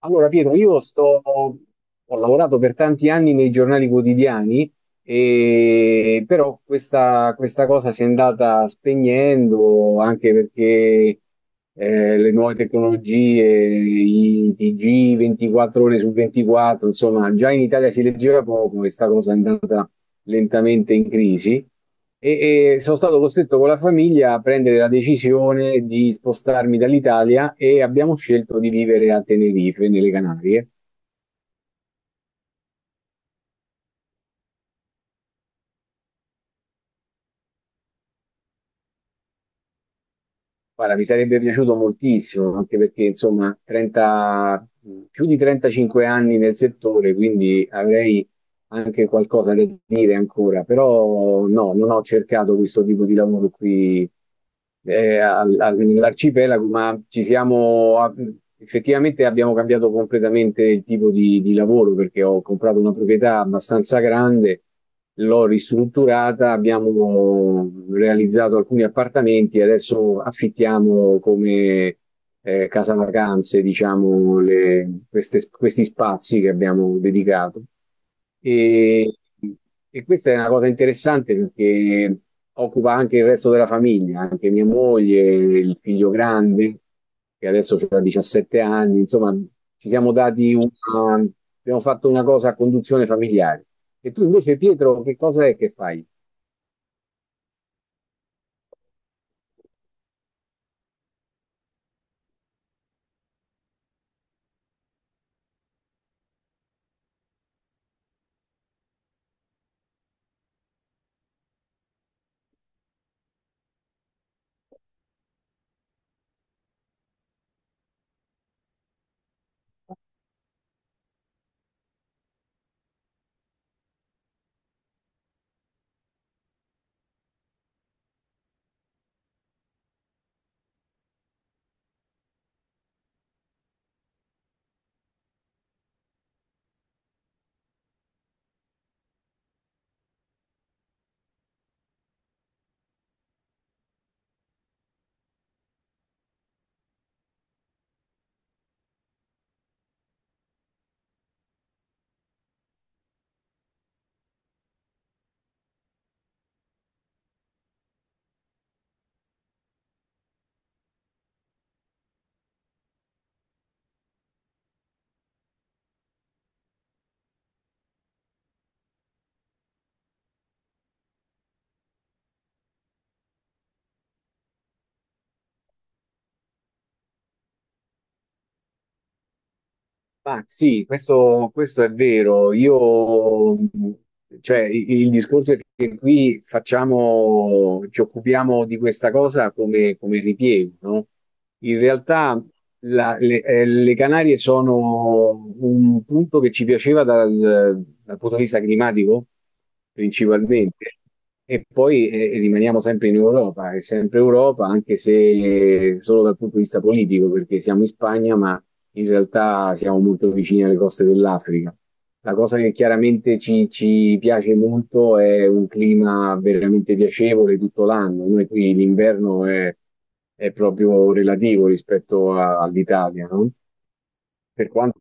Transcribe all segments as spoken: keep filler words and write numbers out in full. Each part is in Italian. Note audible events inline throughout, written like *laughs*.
Allora, Pietro, io sto, ho lavorato per tanti anni nei giornali quotidiani, e, però questa, questa cosa si è andata spegnendo anche perché eh, le nuove tecnologie, i T G ventiquattro ore su ventiquattro, insomma, già in Italia si leggeva poco e sta cosa è andata lentamente in crisi e, e sono stato costretto con la famiglia a prendere la decisione di spostarmi dall'Italia e abbiamo scelto di vivere a Tenerife, nelle Canarie. Guarda, mi sarebbe piaciuto moltissimo, anche perché insomma, trenta più di trentacinque anni nel settore, quindi avrei anche qualcosa da dire ancora, però no, non ho cercato questo tipo di lavoro qui eh, al- al- nell'arcipelago, ma ci siamo, a- effettivamente abbiamo cambiato completamente il tipo di, di lavoro perché ho comprato una proprietà abbastanza grande l'ho ristrutturata, abbiamo realizzato alcuni appartamenti e adesso affittiamo come eh, casa vacanze, diciamo, le- queste- questi spazi che abbiamo dedicato. E, e questa è una cosa interessante perché occupa anche il resto della famiglia, anche mia moglie, il figlio grande che adesso ha diciassette anni, insomma, ci siamo dati una, abbiamo fatto una cosa a conduzione familiare. E tu invece, Pietro, che cosa è che fai? Ma sì, questo, questo è vero. Io, mh, cioè, i- il discorso è che qui facciamo, ci occupiamo di questa cosa come, come ripiego, no? In realtà la- le, eh, le Canarie sono un punto che ci piaceva dal, dal punto di vista climatico, principalmente. E poi eh, rimaniamo sempre in Europa, è sempre Europa, anche se solo dal punto di vista politico, perché siamo in Spagna, ma in realtà siamo molto vicini alle coste dell'Africa. La cosa che chiaramente ci, ci piace molto è un clima veramente piacevole tutto l'anno. Noi qui l'inverno è, è proprio relativo rispetto a- all'Italia, no? Per quanto,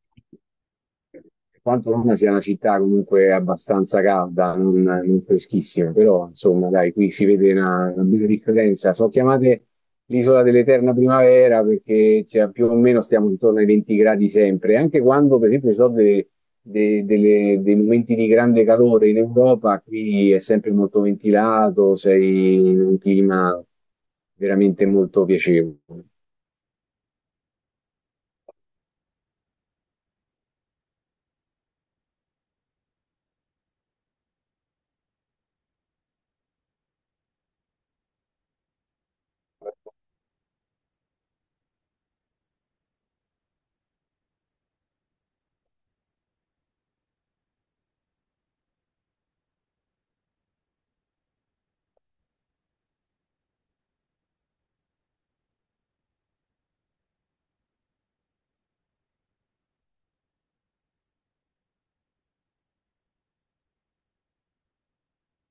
per quanto Roma sia una città comunque abbastanza calda, non, non freschissima, però insomma, dai, qui si vede una, una bella differenza. Sono chiamate l'isola dell'eterna primavera perché cioè, più o meno stiamo intorno ai venti gradi sempre, anche quando per esempio ci sono de- de- delle- dei momenti di grande calore in Europa, qui è sempre molto ventilato, sei in un clima veramente molto piacevole.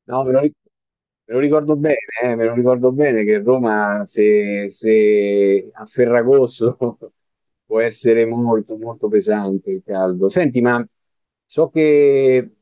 No, me lo, ric- Me lo ricordo bene, eh, me lo ricordo bene che Roma, se, se a Ferragosto, *laughs* può essere molto, molto pesante il caldo. Senti, ma so che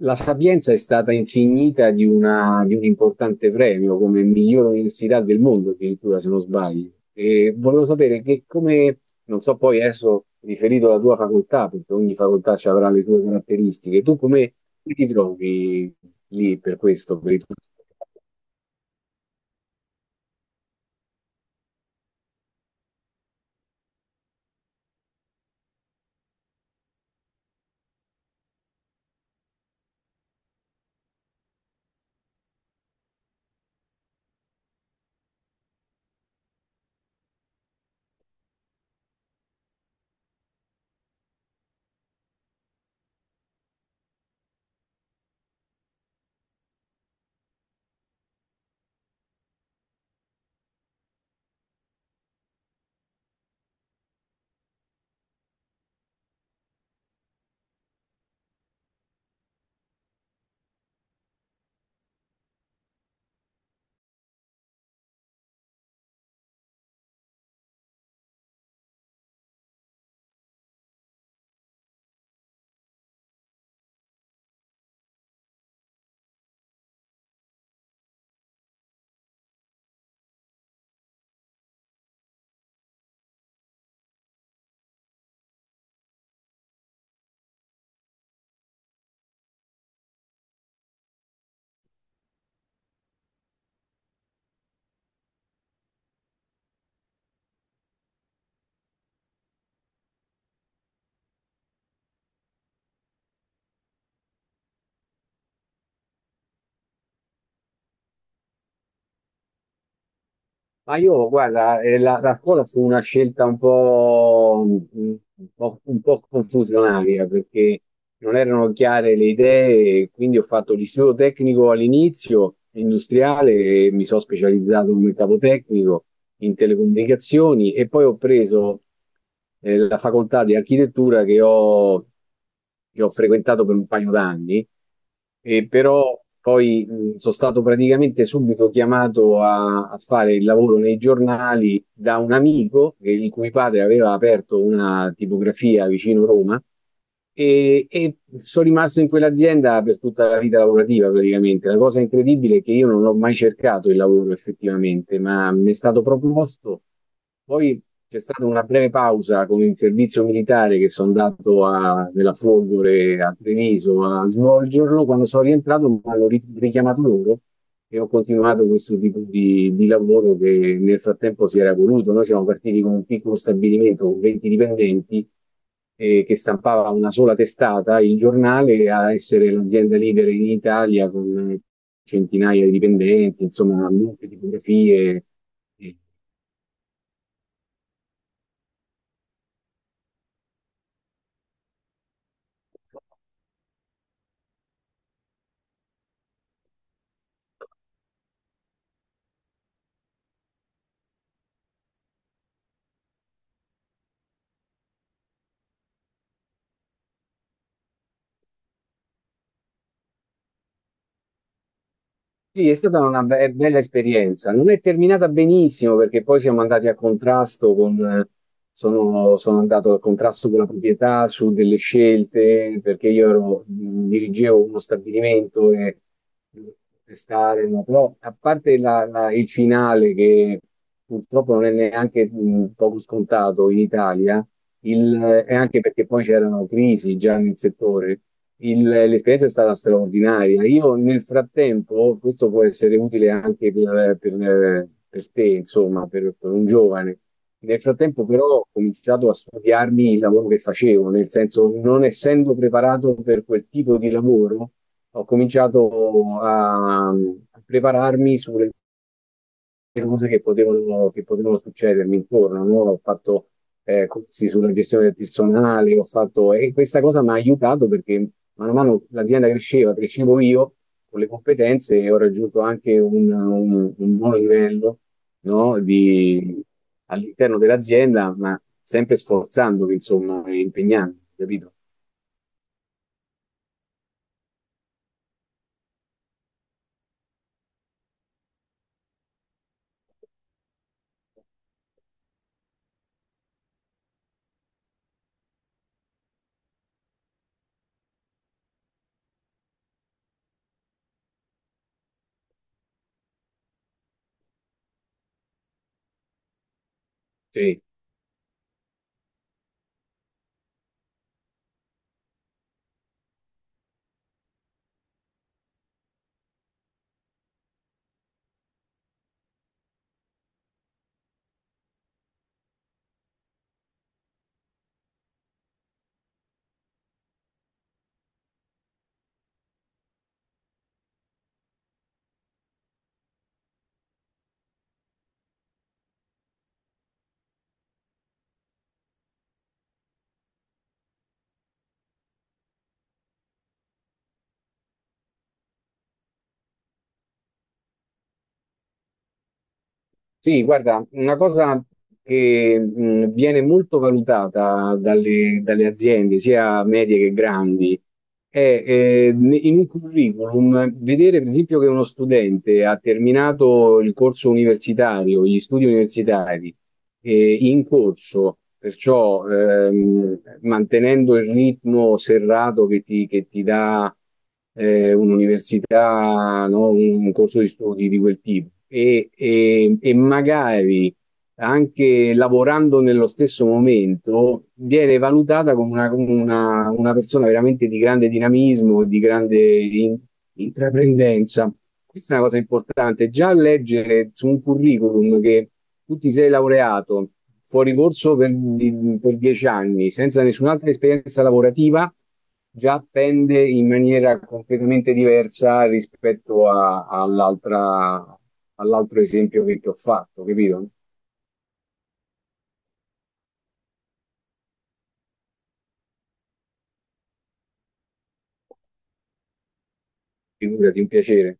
la Sapienza è stata insignita di una- di un importante premio come miglior università del mondo, addirittura, se non sbaglio. E volevo sapere che come, non so poi adesso riferito alla tua facoltà, perché ogni facoltà ci avrà le sue caratteristiche, tu come ti ti trovi lì per questo? per il- Ma io, guarda, eh, la, la scuola fu una scelta un po', mm, un po', un po' confusionaria perché non erano chiare le idee, e quindi ho fatto l'istituto tecnico all'inizio, industriale, e mi sono specializzato come capotecnico in telecomunicazioni e poi ho preso eh, la facoltà di architettura che ho, che ho frequentato per un paio d'anni, e però poi mh, sono stato praticamente subito chiamato a, a fare il lavoro nei giornali da un amico che- il cui padre aveva aperto una tipografia vicino Roma e, e sono rimasto in quell'azienda per tutta la vita lavorativa praticamente. La cosa incredibile è che io non ho mai cercato il lavoro effettivamente, ma mi è stato proposto. Poi c'è stata una breve pausa con il servizio militare che sono andato a, nella Folgore a Treviso a svolgerlo. Quando sono rientrato mi hanno ri- richiamato loro e ho continuato questo tipo di, di lavoro che nel frattempo si era evoluto. Noi siamo partiti con un piccolo stabilimento con venti dipendenti eh, che stampava una sola testata, il giornale, a essere l'azienda leader in Italia con centinaia di dipendenti, insomma, molte tipografie. eh, Sì, è stata una be bella esperienza. Non è terminata benissimo perché poi siamo andati a contrasto con, sono, sono andato a contrasto con la proprietà su delle scelte perché io ero, mh, dirigevo uno stabilimento e testare, no? Però a parte la- la- il finale che purtroppo non è neanche mh, poco scontato in Italia, il- è anche perché poi c'erano crisi già nel settore il- l'esperienza è stata straordinaria. Io nel frattempo, questo può essere utile anche per, per- per te, insomma, per, per un giovane. Nel frattempo però ho cominciato a studiarmi il lavoro che facevo, nel senso non essendo preparato per quel tipo di lavoro, ho cominciato a, a prepararmi sulle cose che potevano, che potevano succedermi intorno, no? Ho fatto eh, corsi sulla gestione del personale, ho fatto, e questa cosa mi ha aiutato perché mano a mano l'azienda cresceva, crescevo io con le competenze e ho raggiunto anche un, un- un buon livello, no? di- all'interno dell'azienda, ma sempre sforzandomi, insomma, e impegnando, capito? Sì. Sì, guarda, una cosa che mh, viene molto valutata dalle, dalle aziende, sia medie che grandi, è eh, ne- in un curriculum vedere, per esempio, che uno studente ha terminato il corso universitario, gli studi universitari, eh, in corso, perciò ehm, mantenendo il ritmo serrato che ti, che ti dà eh, un'università, no? Un un corso di studi di quel tipo e, e- e magari anche lavorando nello stesso momento viene valutata come una, come una- una persona veramente di grande dinamismo, di grande in- intraprendenza. Questa è una cosa importante. Già leggere su un curriculum che tu ti sei laureato fuori corso per, di- per dieci anni senza nessun'altra esperienza lavorativa, già pende in maniera completamente diversa rispetto a- all'altra- all'altro esempio che ti ho fatto, capito? Figurati un piacere.